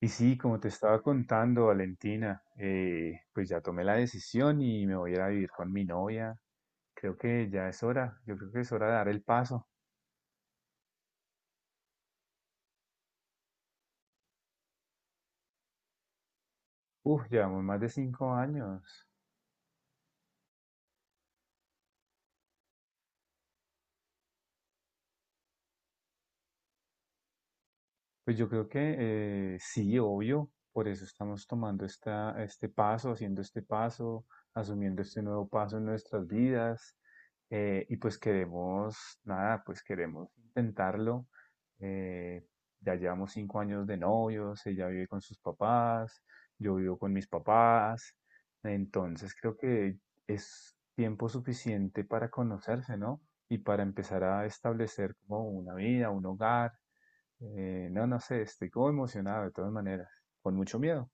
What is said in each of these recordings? Y sí, como te estaba contando, Valentina, pues ya tomé la decisión y me voy a ir a vivir con mi novia. Creo que ya es hora, yo creo que es hora de dar el paso. Uf, llevamos más de 5 años. Pues yo creo que sí, obvio, por eso estamos tomando este paso, haciendo este paso, asumiendo este nuevo paso en nuestras vidas, y pues nada, pues queremos intentarlo. eh, ya llevamos 5 años de novios, ella vive con sus papás, yo vivo con mis papás, entonces creo que es tiempo suficiente para conocerse, ¿no? Y para empezar a establecer como una vida, un hogar. No, no sé, estoy como emocionado de todas maneras, con mucho miedo.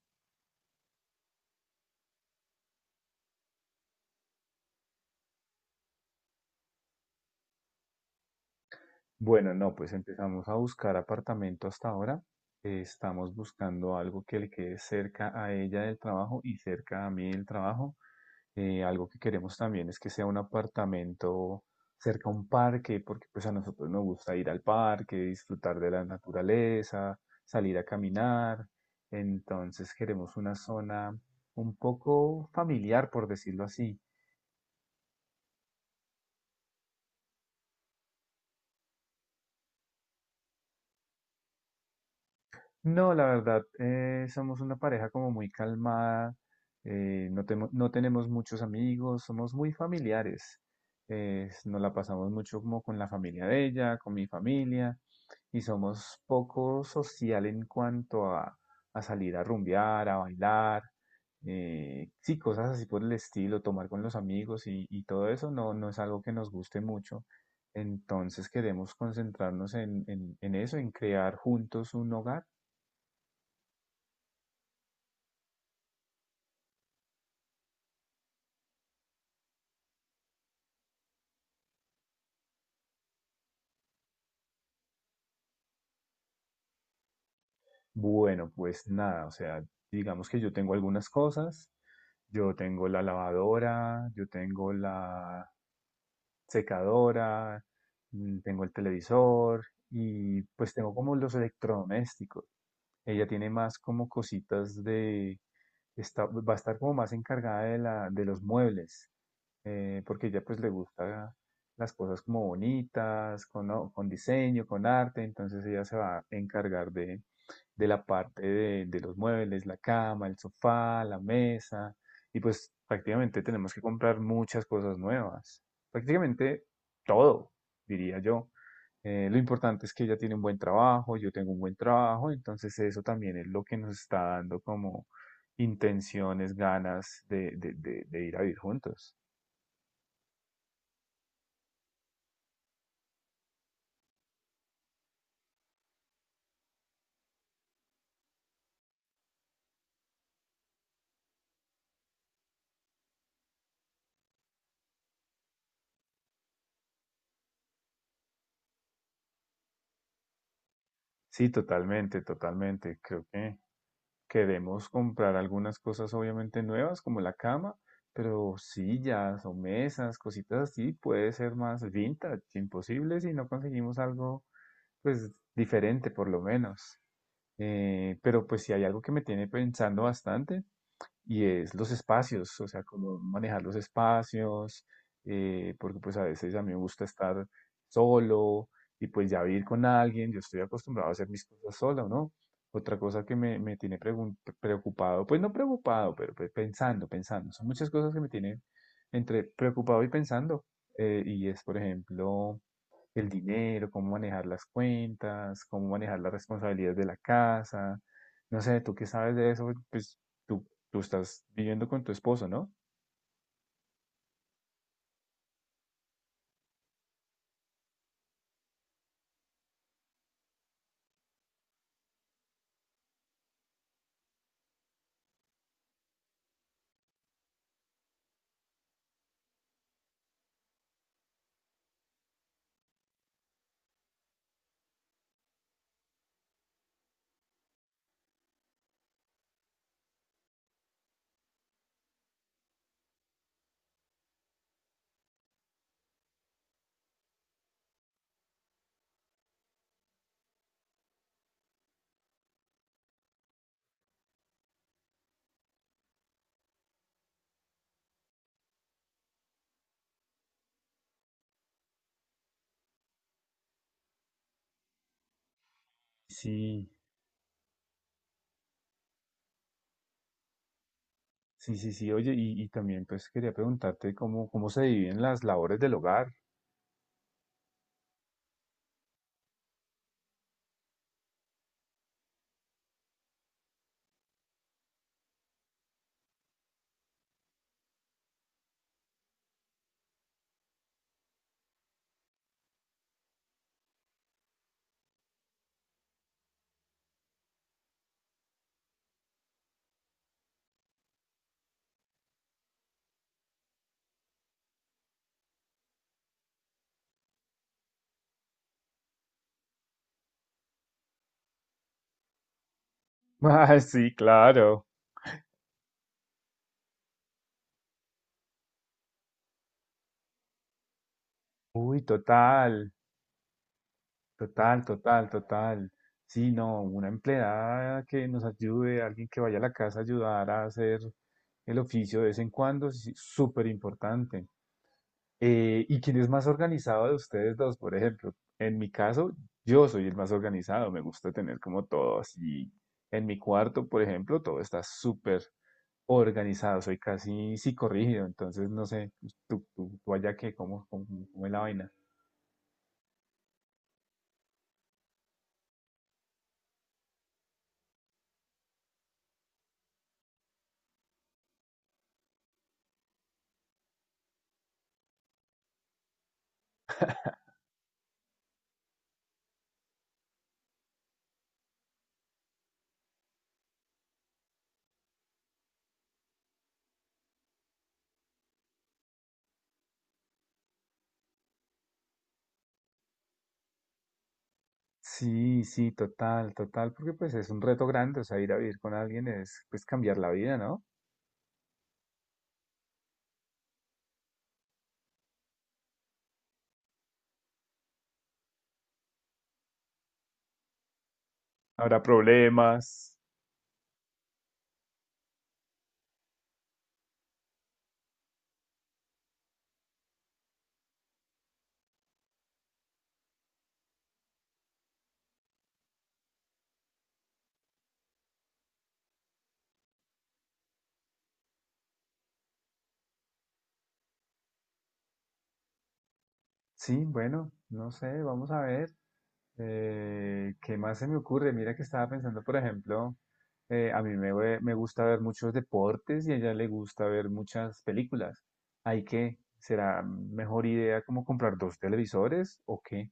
Bueno, no, pues empezamos a buscar apartamento hasta ahora. Estamos buscando algo que le quede cerca a ella del trabajo y cerca a mí del trabajo. Algo que queremos también es que sea un apartamento cerca a un parque, porque pues a nosotros nos gusta ir al parque, disfrutar de la naturaleza, salir a caminar. Entonces queremos una zona un poco familiar, por decirlo así. No, la verdad, somos una pareja como muy calmada. No, no tenemos muchos amigos, somos muy familiares. Nos la pasamos mucho como con la familia de ella, con mi familia, y somos poco social en cuanto a salir a rumbear, a bailar. Sí, cosas así por el estilo, tomar con los amigos y todo eso no, no es algo que nos guste mucho. Entonces queremos concentrarnos en, en eso, en crear juntos un hogar. Bueno, pues nada, o sea, digamos que yo tengo algunas cosas, yo tengo la lavadora, yo tengo la secadora, tengo el televisor y pues tengo como los electrodomésticos. Ella tiene más como cositas de, está, va a estar como más encargada de la, de los muebles, porque ella pues le gusta las cosas como bonitas, con diseño, con arte, entonces ella se va a encargar de la parte de los muebles, la cama, el sofá, la mesa, y pues prácticamente tenemos que comprar muchas cosas nuevas, prácticamente todo, diría yo. Lo importante es que ella tiene un buen trabajo, yo tengo un buen trabajo, entonces eso también es lo que nos está dando como intenciones, ganas de, de ir a vivir juntos. Sí, totalmente, totalmente. Creo que queremos comprar algunas cosas obviamente nuevas, como la cama, pero sillas o mesas, cositas así, puede ser más vintage, imposible si no conseguimos algo pues diferente por lo menos. Pero pues si hay algo que me tiene pensando bastante y es los espacios, o sea, cómo manejar los espacios. Porque pues a veces a mí me gusta estar solo y pues ya vivir con alguien, yo estoy acostumbrado a hacer mis cosas solo, ¿no? Otra cosa que me tiene preocupado, pues no preocupado, pero pues, pensando, pensando, son muchas cosas que me tienen entre preocupado y pensando. Y es, por ejemplo, el dinero, cómo manejar las cuentas, cómo manejar las responsabilidades de la casa. No sé, tú qué sabes de eso, pues tú, tú estás viviendo con tu esposo, ¿no? Sí, sí, sí, sí. Oye, y también pues quería preguntarte cómo se dividen las labores del hogar. Ah, sí, claro. Uy, total, total, total, total. Sí, no, una empleada que nos ayude, alguien que vaya a la casa a ayudar a hacer el oficio de vez en cuando, sí, súper importante. ¿Y quién es más organizado de ustedes dos, por ejemplo? En mi caso, yo soy el más organizado, me gusta tener como todo así. En mi cuarto, por ejemplo, todo está súper organizado, soy casi psicorrígido, entonces no sé, tú allá qué, cómo es la vaina. Sí, sí, total, total, porque pues es un reto grande, o sea, ir a vivir con alguien es pues cambiar la vida, ¿no? Habrá problemas. Sí, bueno, no sé, vamos a ver. ¿Qué más se me ocurre? Mira que estaba pensando, por ejemplo, a mí me gusta ver muchos deportes y a ella le gusta ver muchas películas. ¿Hay que, será mejor idea como comprar dos televisores o qué?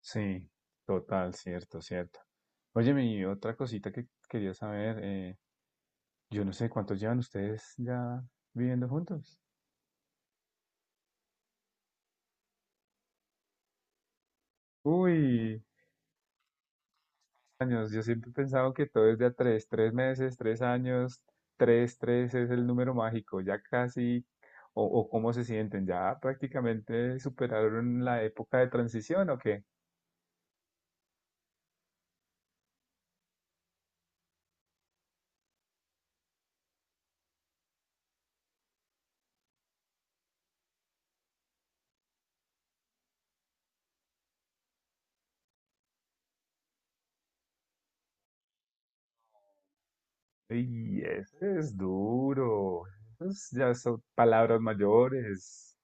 Sí, total, cierto, cierto. Oye, mi otra cosita que quería saber, yo no sé cuántos llevan ustedes ya viviendo juntos. Uy, años. Yo siempre he pensado que todo es de a tres, 3 meses, 3 años, tres es el número mágico, ya casi, o cómo se sienten, ya prácticamente superaron la época de transición o qué. Y eso es duro, esas ya son palabras mayores.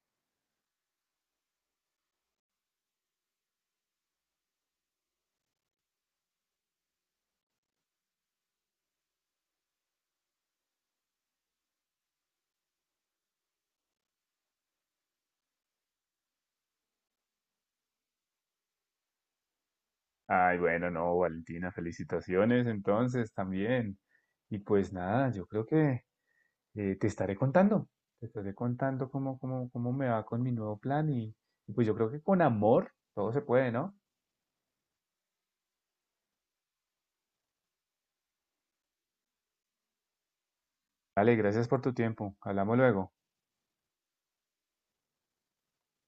Ay, bueno, no, Valentina, felicitaciones entonces también. Y pues nada, yo creo que eh, te estaré contando, te estaré contando cómo me va con mi nuevo plan, y pues yo creo que con amor todo se puede, ¿no? Dale, gracias por tu tiempo. Hablamos luego.